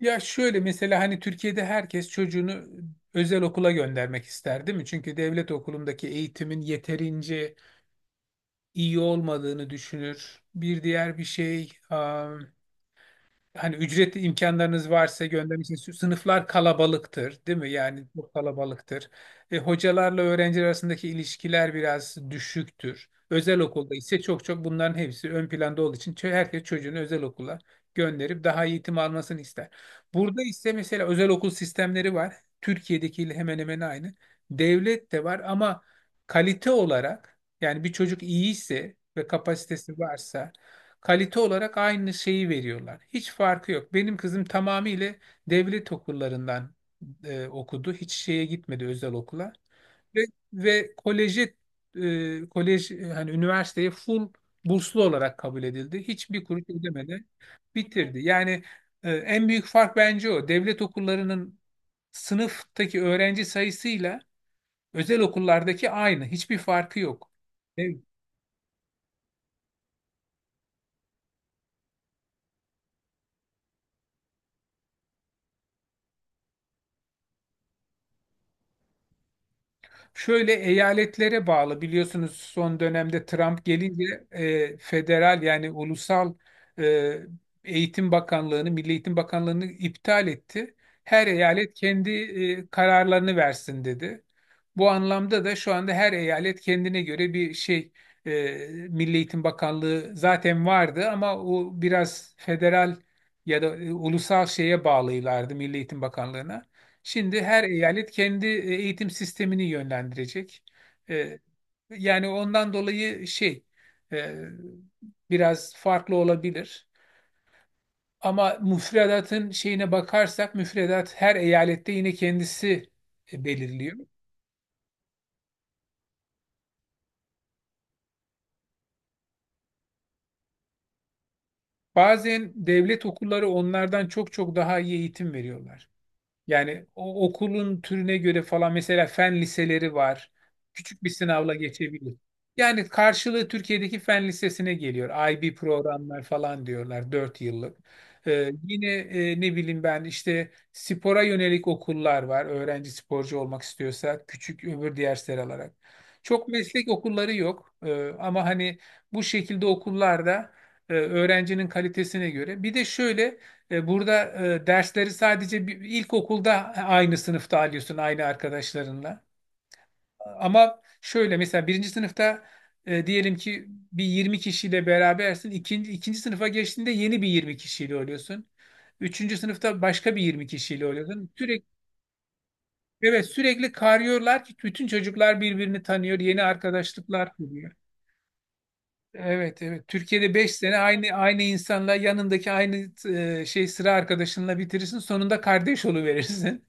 Ya şöyle mesela hani Türkiye'de herkes çocuğunu özel okula göndermek ister değil mi? Çünkü devlet okulundaki eğitimin yeterince iyi olmadığını düşünür. Bir diğer bir şey, hani ücretli imkanlarınız varsa göndermişsiniz. Sınıflar kalabalıktır, değil mi? Yani çok kalabalıktır. Hocalarla öğrenciler arasındaki ilişkiler biraz düşüktür. Özel okulda ise çok çok bunların hepsi ön planda olduğu için herkes çocuğunu özel okula gönderip daha iyi eğitim almasını ister. Burada ise mesela özel okul sistemleri var. Türkiye'dekiyle hemen hemen aynı. Devlet de var ama kalite olarak, yani bir çocuk iyiyse ve kapasitesi varsa, kalite olarak aynı şeyi veriyorlar. Hiç farkı yok. Benim kızım tamamıyla devlet okullarından okudu. Hiç şeye gitmedi, özel okula. Ve, ve kolej, hani üniversiteye full burslu olarak kabul edildi. Hiçbir kuruş ödemeden bitirdi. Yani en büyük fark bence o. Devlet okullarının sınıftaki öğrenci sayısıyla özel okullardaki aynı. Hiçbir farkı yok. Şöyle, eyaletlere bağlı, biliyorsunuz son dönemde Trump gelince federal yani ulusal e, Eğitim Bakanlığı'nı, Milli Eğitim Bakanlığı'nı iptal etti. Her eyalet kendi kararlarını versin dedi. Bu anlamda da şu anda her eyalet kendine göre bir şey. e, Milli Eğitim Bakanlığı zaten vardı ama o biraz federal ya da ulusal şeye bağlıylardı, Milli Eğitim Bakanlığı'na. Şimdi her eyalet kendi eğitim sistemini yönlendirecek. Ee, Yani ondan dolayı şey, e, biraz farklı olabilir. Ama müfredatın şeyine bakarsak, müfredat her eyalette yine kendisi belirliyor. Bazen devlet okulları onlardan çok çok daha iyi eğitim veriyorlar. Yani o okulun türüne göre falan, mesela fen liseleri var. Küçük bir sınavla geçebilir. Yani karşılığı Türkiye'deki fen lisesine geliyor. IB programlar falan diyorlar, 4 yıllık. Yine, ne bileyim ben, işte spora yönelik okullar var. Öğrenci sporcu olmak istiyorsa küçük öbür dersler alarak. Çok meslek okulları yok. Ama hani bu şekilde okullarda öğrencinin kalitesine göre. Bir de şöyle, burada dersleri sadece bir, ilkokulda aynı sınıfta alıyorsun, aynı arkadaşlarınla. Ama şöyle, mesela birinci sınıfta, diyelim ki bir 20 kişiyle berabersin. İkinci sınıfa geçtiğinde yeni bir 20 kişiyle oluyorsun. Üçüncü sınıfta başka bir 20 kişiyle oluyorsun. Sürekli, evet, sürekli karıyorlar ki bütün çocuklar birbirini tanıyor, yeni arkadaşlıklar kuruyor. Evet, evet. Türkiye'de beş sene aynı aynı insanla, yanındaki aynı sıra arkadaşınla bitirirsin. Sonunda kardeş oluverirsin.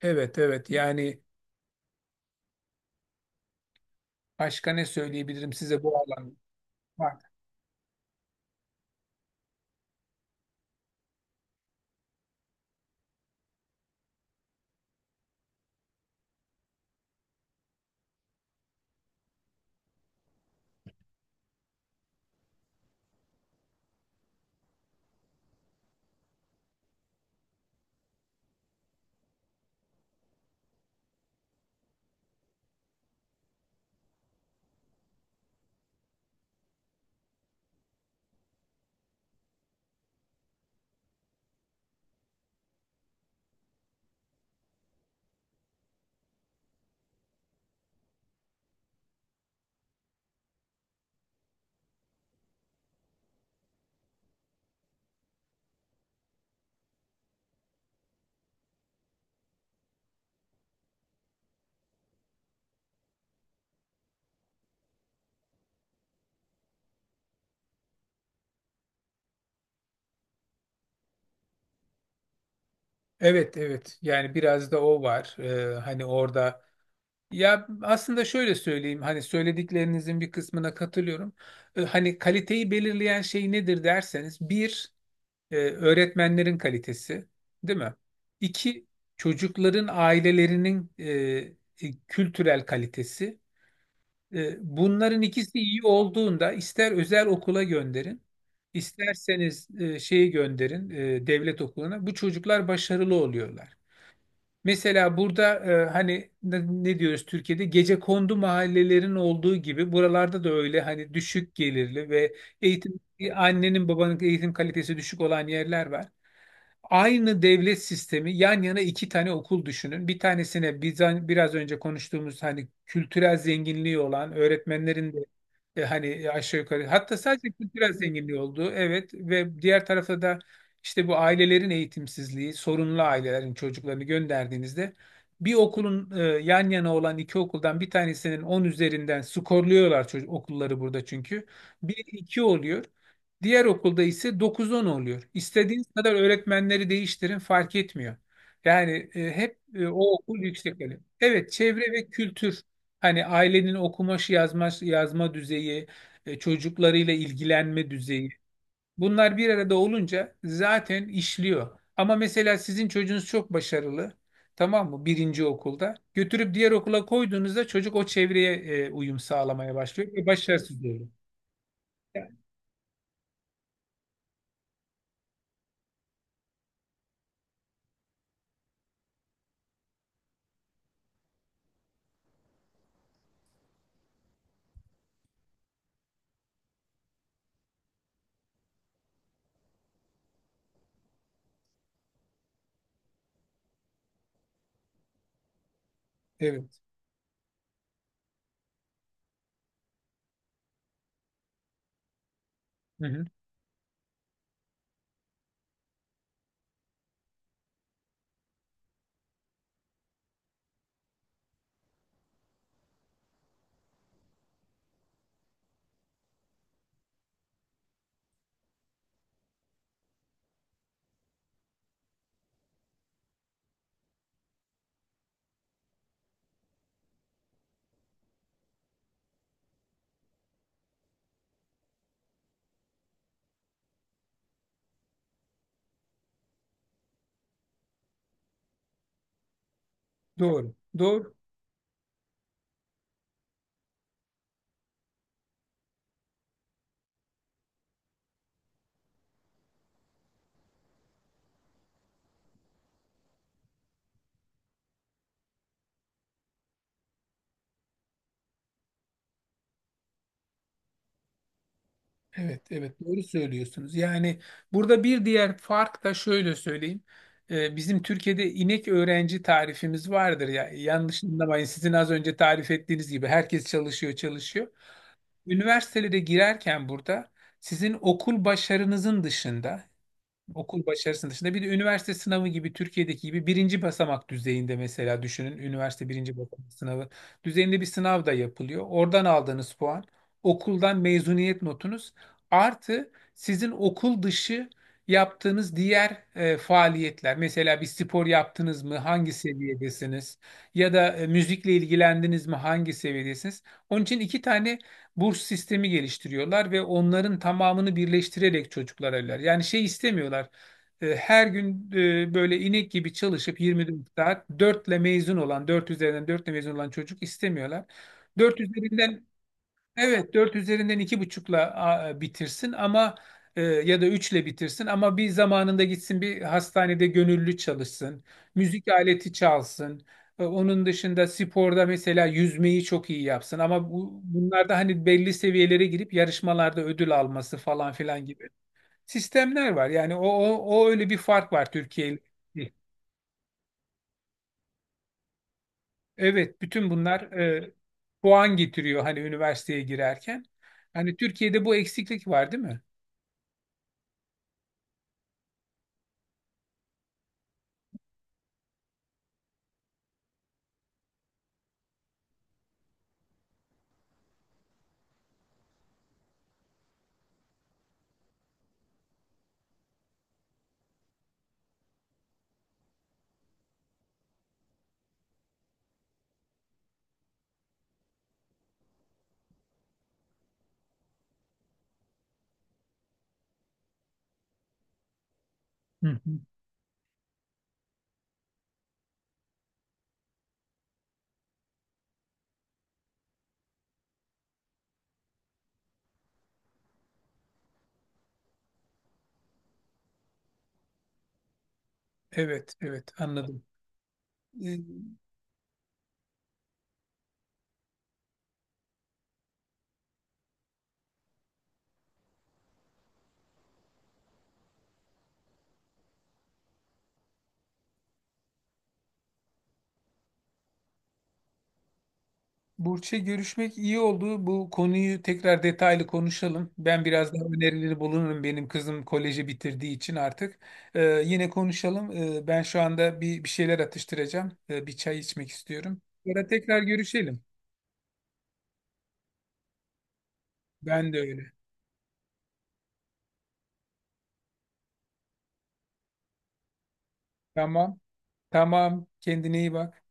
Evet, evet, yani başka ne söyleyebilirim size, bu alan var. Evet, evet, yani biraz da o var. Hani orada, ya, aslında şöyle söyleyeyim, hani söylediklerinizin bir kısmına katılıyorum. Hani kaliteyi belirleyen şey nedir derseniz, bir, öğretmenlerin kalitesi, değil mi? İki, çocukların ailelerinin kültürel kalitesi. Bunların ikisi iyi olduğunda, ister özel okula gönderin, isterseniz şeyi gönderin, devlet okuluna, bu çocuklar başarılı oluyorlar. Mesela burada, hani ne diyoruz, Türkiye'de gecekondu mahallelerin olduğu gibi buralarda da öyle, hani düşük gelirli ve eğitim annenin babanın eğitim kalitesi düşük olan yerler var. Aynı devlet sistemi, yan yana iki tane okul düşünün. Bir tanesine biz hani biraz önce konuştuğumuz hani kültürel zenginliği olan öğretmenlerin de, hani aşağı yukarı, hatta sadece kültürel zenginliği olduğu, evet, ve diğer tarafta da işte bu ailelerin eğitimsizliği, sorunlu ailelerin çocuklarını gönderdiğinizde, bir okulun, yan yana olan iki okuldan bir tanesinin 10 üzerinden skorluyorlar çocuk okulları burada çünkü. Bir iki oluyor. Diğer okulda ise dokuz on oluyor. İstediğiniz kadar öğretmenleri değiştirin, fark etmiyor. Yani hep, o okul yüksek öğrenim. Evet, çevre ve kültür, hani ailenin okumaşı yazma, yazma düzeyi, çocuklarıyla ilgilenme düzeyi, bunlar bir arada olunca zaten işliyor. Ama mesela sizin çocuğunuz çok başarılı, tamam mı, birinci okulda, götürüp diğer okula koyduğunuzda çocuk o çevreye uyum sağlamaya başlıyor ve başarısız oluyor. Evet. Hı hı. Doğru. Doğru. Evet, evet, doğru söylüyorsunuz. Yani burada bir diğer fark da şöyle söyleyeyim. Bizim Türkiye'de inek öğrenci tarifimiz vardır ya. Yanlış anlamayın. Sizin az önce tarif ettiğiniz gibi herkes çalışıyor, çalışıyor. Üniversitelere girerken burada, sizin okul başarısının dışında, bir de üniversite sınavı gibi, Türkiye'deki gibi birinci basamak düzeyinde, mesela düşünün, üniversite birinci basamak sınavı düzeyinde bir sınav da yapılıyor. Oradan aldığınız puan, okuldan mezuniyet notunuz, artı sizin okul dışı yaptığınız diğer faaliyetler. Mesela bir spor yaptınız mı, hangi seviyedesiniz, ya da müzikle ilgilendiniz mi, hangi seviyedesiniz? Onun için iki tane burs sistemi geliştiriyorlar ve onların tamamını birleştirerek çocuklar evler. Yani şey istemiyorlar. Her gün, böyle inek gibi çalışıp 24 saat 4 mezun olan, 4 üzerinden 4 mezun olan çocuk istemiyorlar. 4 üzerinden Evet, 4 üzerinden 2,5'la bitirsin ama, ya da üçle bitirsin ama bir zamanında gitsin, bir hastanede gönüllü çalışsın, müzik aleti çalsın. Onun dışında sporda mesela yüzmeyi çok iyi yapsın ama bunlarda hani belli seviyelere girip yarışmalarda ödül alması falan filan gibi sistemler var. Yani o öyle bir fark var Türkiye ile. Evet, bütün bunlar puan getiriyor hani üniversiteye girerken. Hani Türkiye'de bu eksiklik var, değil mi? Hı hı. Evet, evet, anladım. Ee, Burç'e, görüşmek iyi oldu. Bu konuyu tekrar detaylı konuşalım. Ben biraz daha önerileri bulunurum. Benim kızım koleji bitirdiği için artık. Yine konuşalım. Ben şu anda bir şeyler atıştıracağım. Bir çay içmek istiyorum. Sonra tekrar görüşelim. Ben de öyle. Tamam, tamam. Kendine iyi bak.